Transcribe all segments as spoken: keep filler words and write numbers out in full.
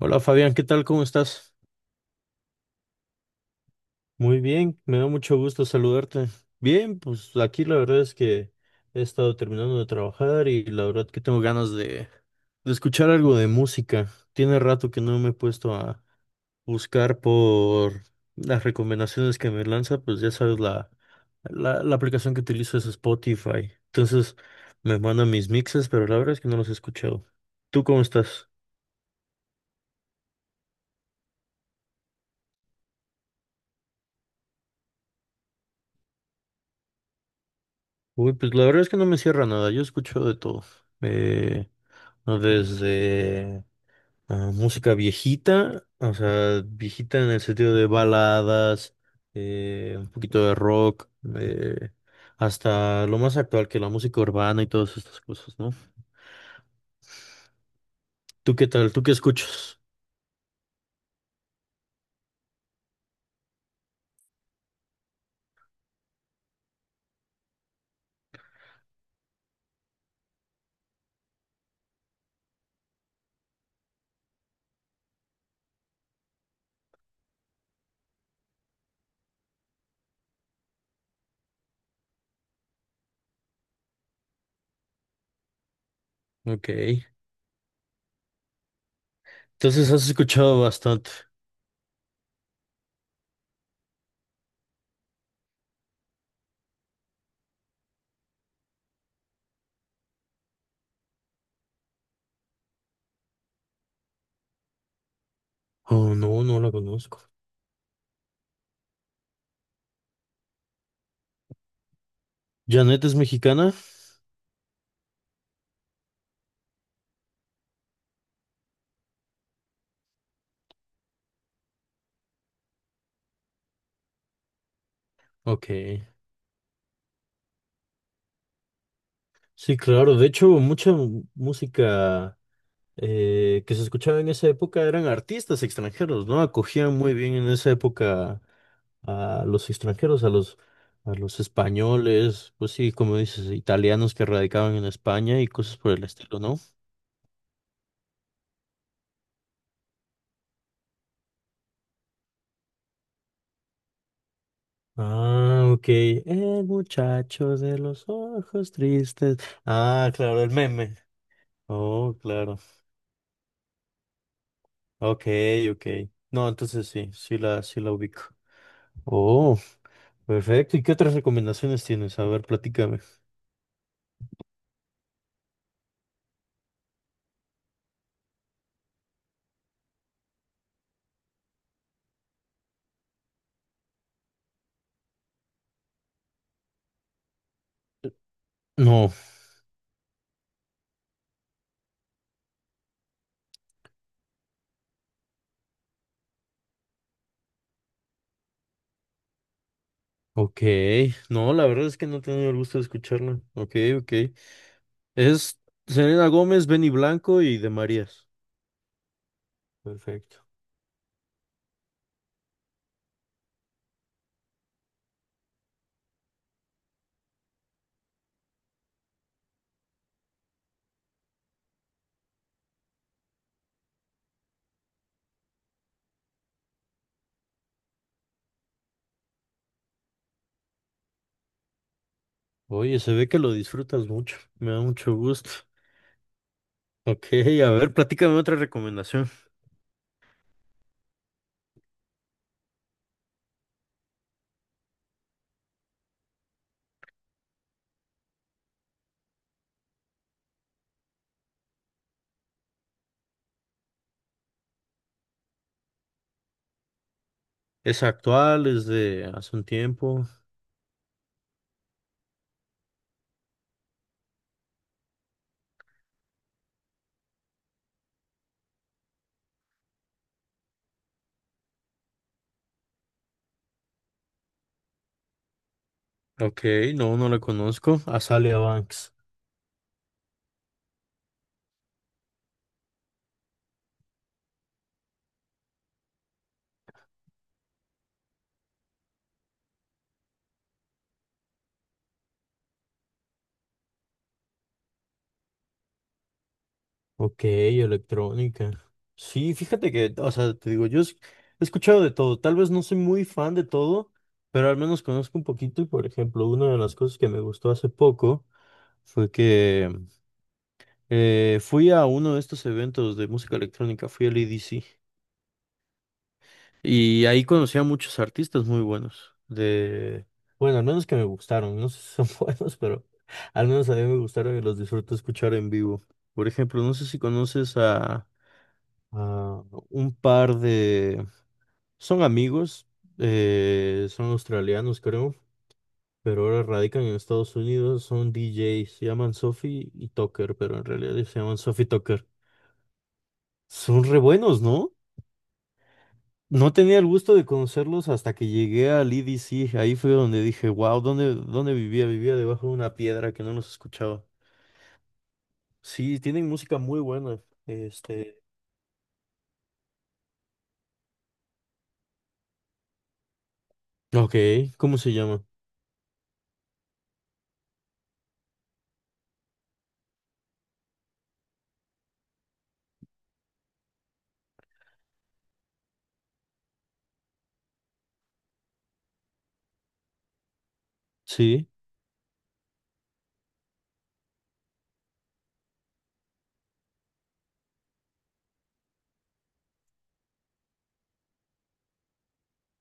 Hola Fabián, ¿qué tal? ¿Cómo estás? Muy bien, me da mucho gusto saludarte. Bien, pues aquí la verdad es que he estado terminando de trabajar y la verdad que tengo ganas de, de escuchar algo de música. Tiene rato que no me he puesto a buscar por las recomendaciones que me lanza, pues ya sabes, la, la, la aplicación que utilizo es Spotify. Entonces me mandan mis mixes, pero la verdad es que no los he escuchado. ¿Tú cómo estás? Uy, pues la verdad es que no me cierra nada, yo escucho de todo. Eh, ¿No? Desde ah, música viejita, o sea, viejita en el sentido de baladas, eh, un poquito de rock, eh, hasta lo más actual que la música urbana y todas estas cosas, ¿no? ¿Tú qué tal? ¿Tú qué escuchas? Ok. Entonces has escuchado bastante. Oh, no, no la conozco. ¿Janet es mexicana? Ok. Sí, claro. De hecho, mucha música, eh, que se escuchaba en esa época eran artistas extranjeros, ¿no? Acogían muy bien en esa época a los extranjeros, a los, a los españoles, pues sí, como dices, italianos que radicaban en España y cosas por el estilo, ¿no? Ah, ok. El muchacho de los ojos tristes. Ah, claro, el meme. Oh, claro. Ok, ok. No, entonces sí, sí la, sí la ubico. Oh, perfecto. ¿Y qué otras recomendaciones tienes? A ver, platícame. No. Ok, no, la verdad es que no he tenido el gusto de escucharla. Ok, ok. Es Selena Gómez, Benny Blanco y de Marías. Perfecto. Oye, se ve que lo disfrutas mucho. Me da mucho gusto. Ok, a ver, platícame otra recomendación. ¿Es actual? ¿Es de hace un tiempo? Ok, no, no la conozco. Azalea Banks. Ok, electrónica. Sí, fíjate que, o sea, te digo, yo es- he escuchado de todo. Tal vez no soy muy fan de todo, pero al menos conozco un poquito. Y por ejemplo, una de las cosas que me gustó hace poco fue que eh, fui a uno de estos eventos de música electrónica, fui al E D C. Y ahí conocí a muchos artistas muy buenos. De, bueno, al menos que me gustaron. No sé si son buenos, pero al menos a mí me gustaron y los disfruto escuchar en vivo. Por ejemplo, no sé si conoces a Ah, un par de... Son amigos, eh, son australianos creo, pero ahora radican en Estados Unidos, son D Js, se llaman Sophie y Tucker, pero en realidad se llaman Sophie y Tucker. Son re buenos, ¿no? No tenía el gusto de conocerlos hasta que llegué al E D C, ahí fue donde dije, wow, ¿dónde, ¿dónde vivía? Vivía debajo de una piedra que no los escuchaba. Sí, tienen música muy buena. Este... Ok, ¿cómo se llama? Sí.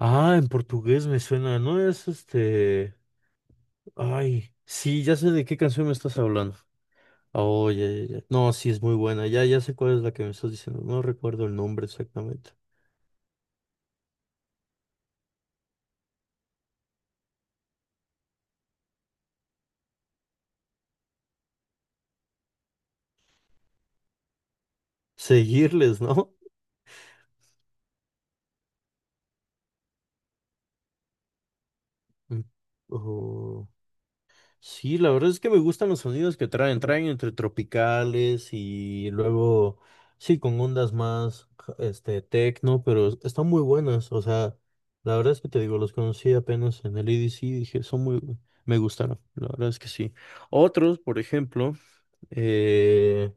Ah, en portugués me suena, ¿no es este... Ay, sí, ya sé de qué canción me estás hablando. Oh, ya, ya, ya. No, sí, es muy buena. Ya, ya sé cuál es la que me estás diciendo. No recuerdo el nombre exactamente. Seguirles, ¿no? Mm. Oh, sí, la verdad es que me gustan los sonidos que traen. Traen entre tropicales y luego, sí, con ondas más, ja- este, tecno, pero es- están muy buenas. O sea, la verdad es que te digo, los conocí apenas en el E D C y dije, son muy, me gustaron. La verdad es que sí. Otros, por ejemplo. Eh,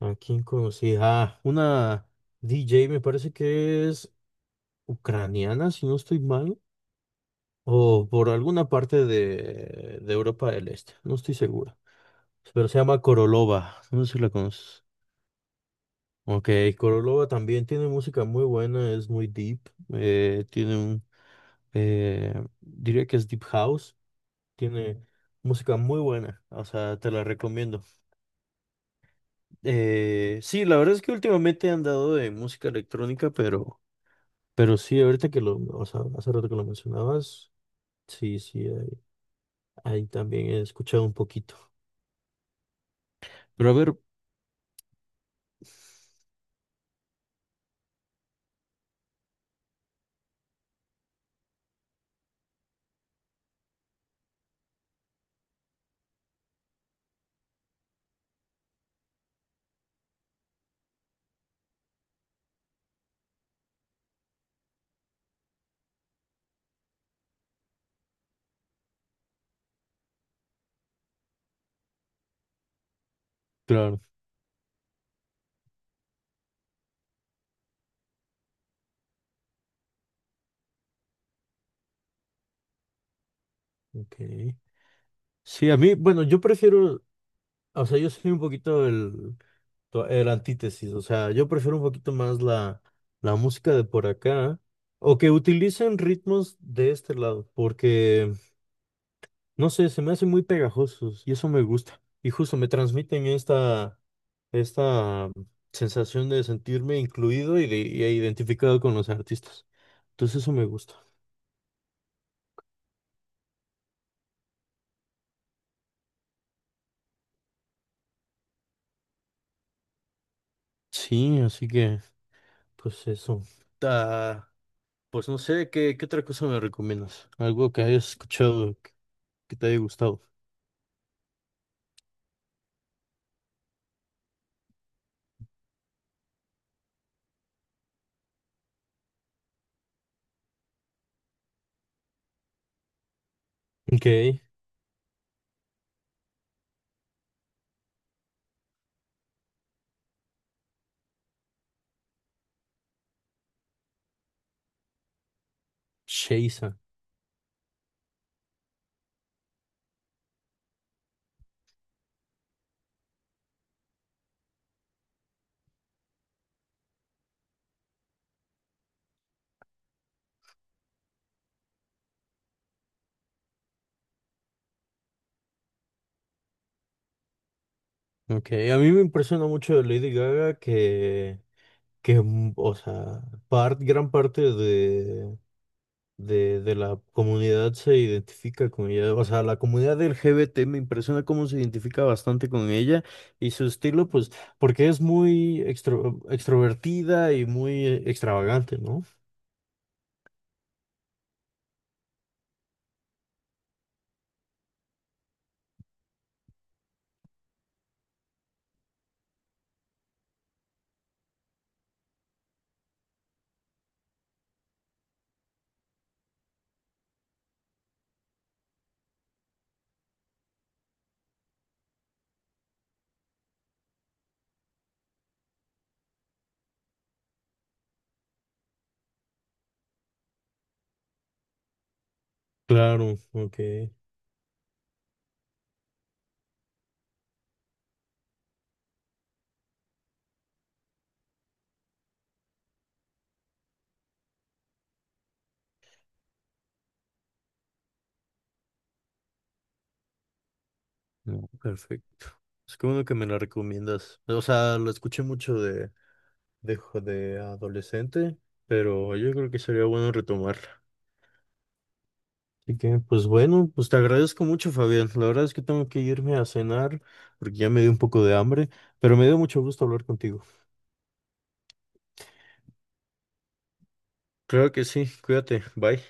¿A quién conocí? Ah, una D J me parece que es ucraniana, si no estoy mal, o por alguna parte de, de Europa del Este, no estoy seguro. Pero se llama Korolova, no sé si la conoces. Ok, Korolova también tiene música muy buena, es muy deep, eh, tiene un, eh, diría que es deep house, tiene música muy buena, o sea, te la recomiendo. Eh, sí, la verdad es que últimamente han dado de música electrónica, pero, pero sí, ahorita que lo, o sea, hace rato que lo mencionabas, sí, sí, ahí, ahí también he escuchado un poquito. Pero a ver, claro, ok. Sí, a mí, bueno, yo prefiero, o sea, yo soy un poquito el, to- el antítesis, o sea, yo prefiero un poquito más la, la música de por acá, o que utilicen ritmos de este lado, porque, no sé, se me hacen muy pegajosos y eso me gusta. Y justo me transmiten esta esta mm, sensación de sentirme incluido y de y e identificado con los artistas. Entonces eso me gusta. Sí, así que pues eso. Ah, pues no sé, ¿qué, ¿qué otra cosa me recomiendas? Algo que hayas escuchado que, que te haya gustado. Ok, Sheisa. Ok, a mí me impresiona mucho de Lady Gaga que, que mm, o sea, par- gran parte de, de, de la comunidad se identifica con ella. O sea, la comunidad L G B T me impresiona cómo se identifica bastante con ella y su estilo, pues, porque es muy extro- extrovertida y muy eh, extravagante, ¿no? Claro, ok. No, perfecto. Es que bueno que me la recomiendas. O sea, lo escuché mucho de, de, jo- de adolescente, pero yo creo que sería bueno retomarla. Así que, pues bueno, pues te agradezco mucho, Fabián. La verdad es que tengo que irme a cenar porque ya me dio un poco de hambre, pero me dio mucho gusto hablar contigo. Claro que sí, cuídate, bye.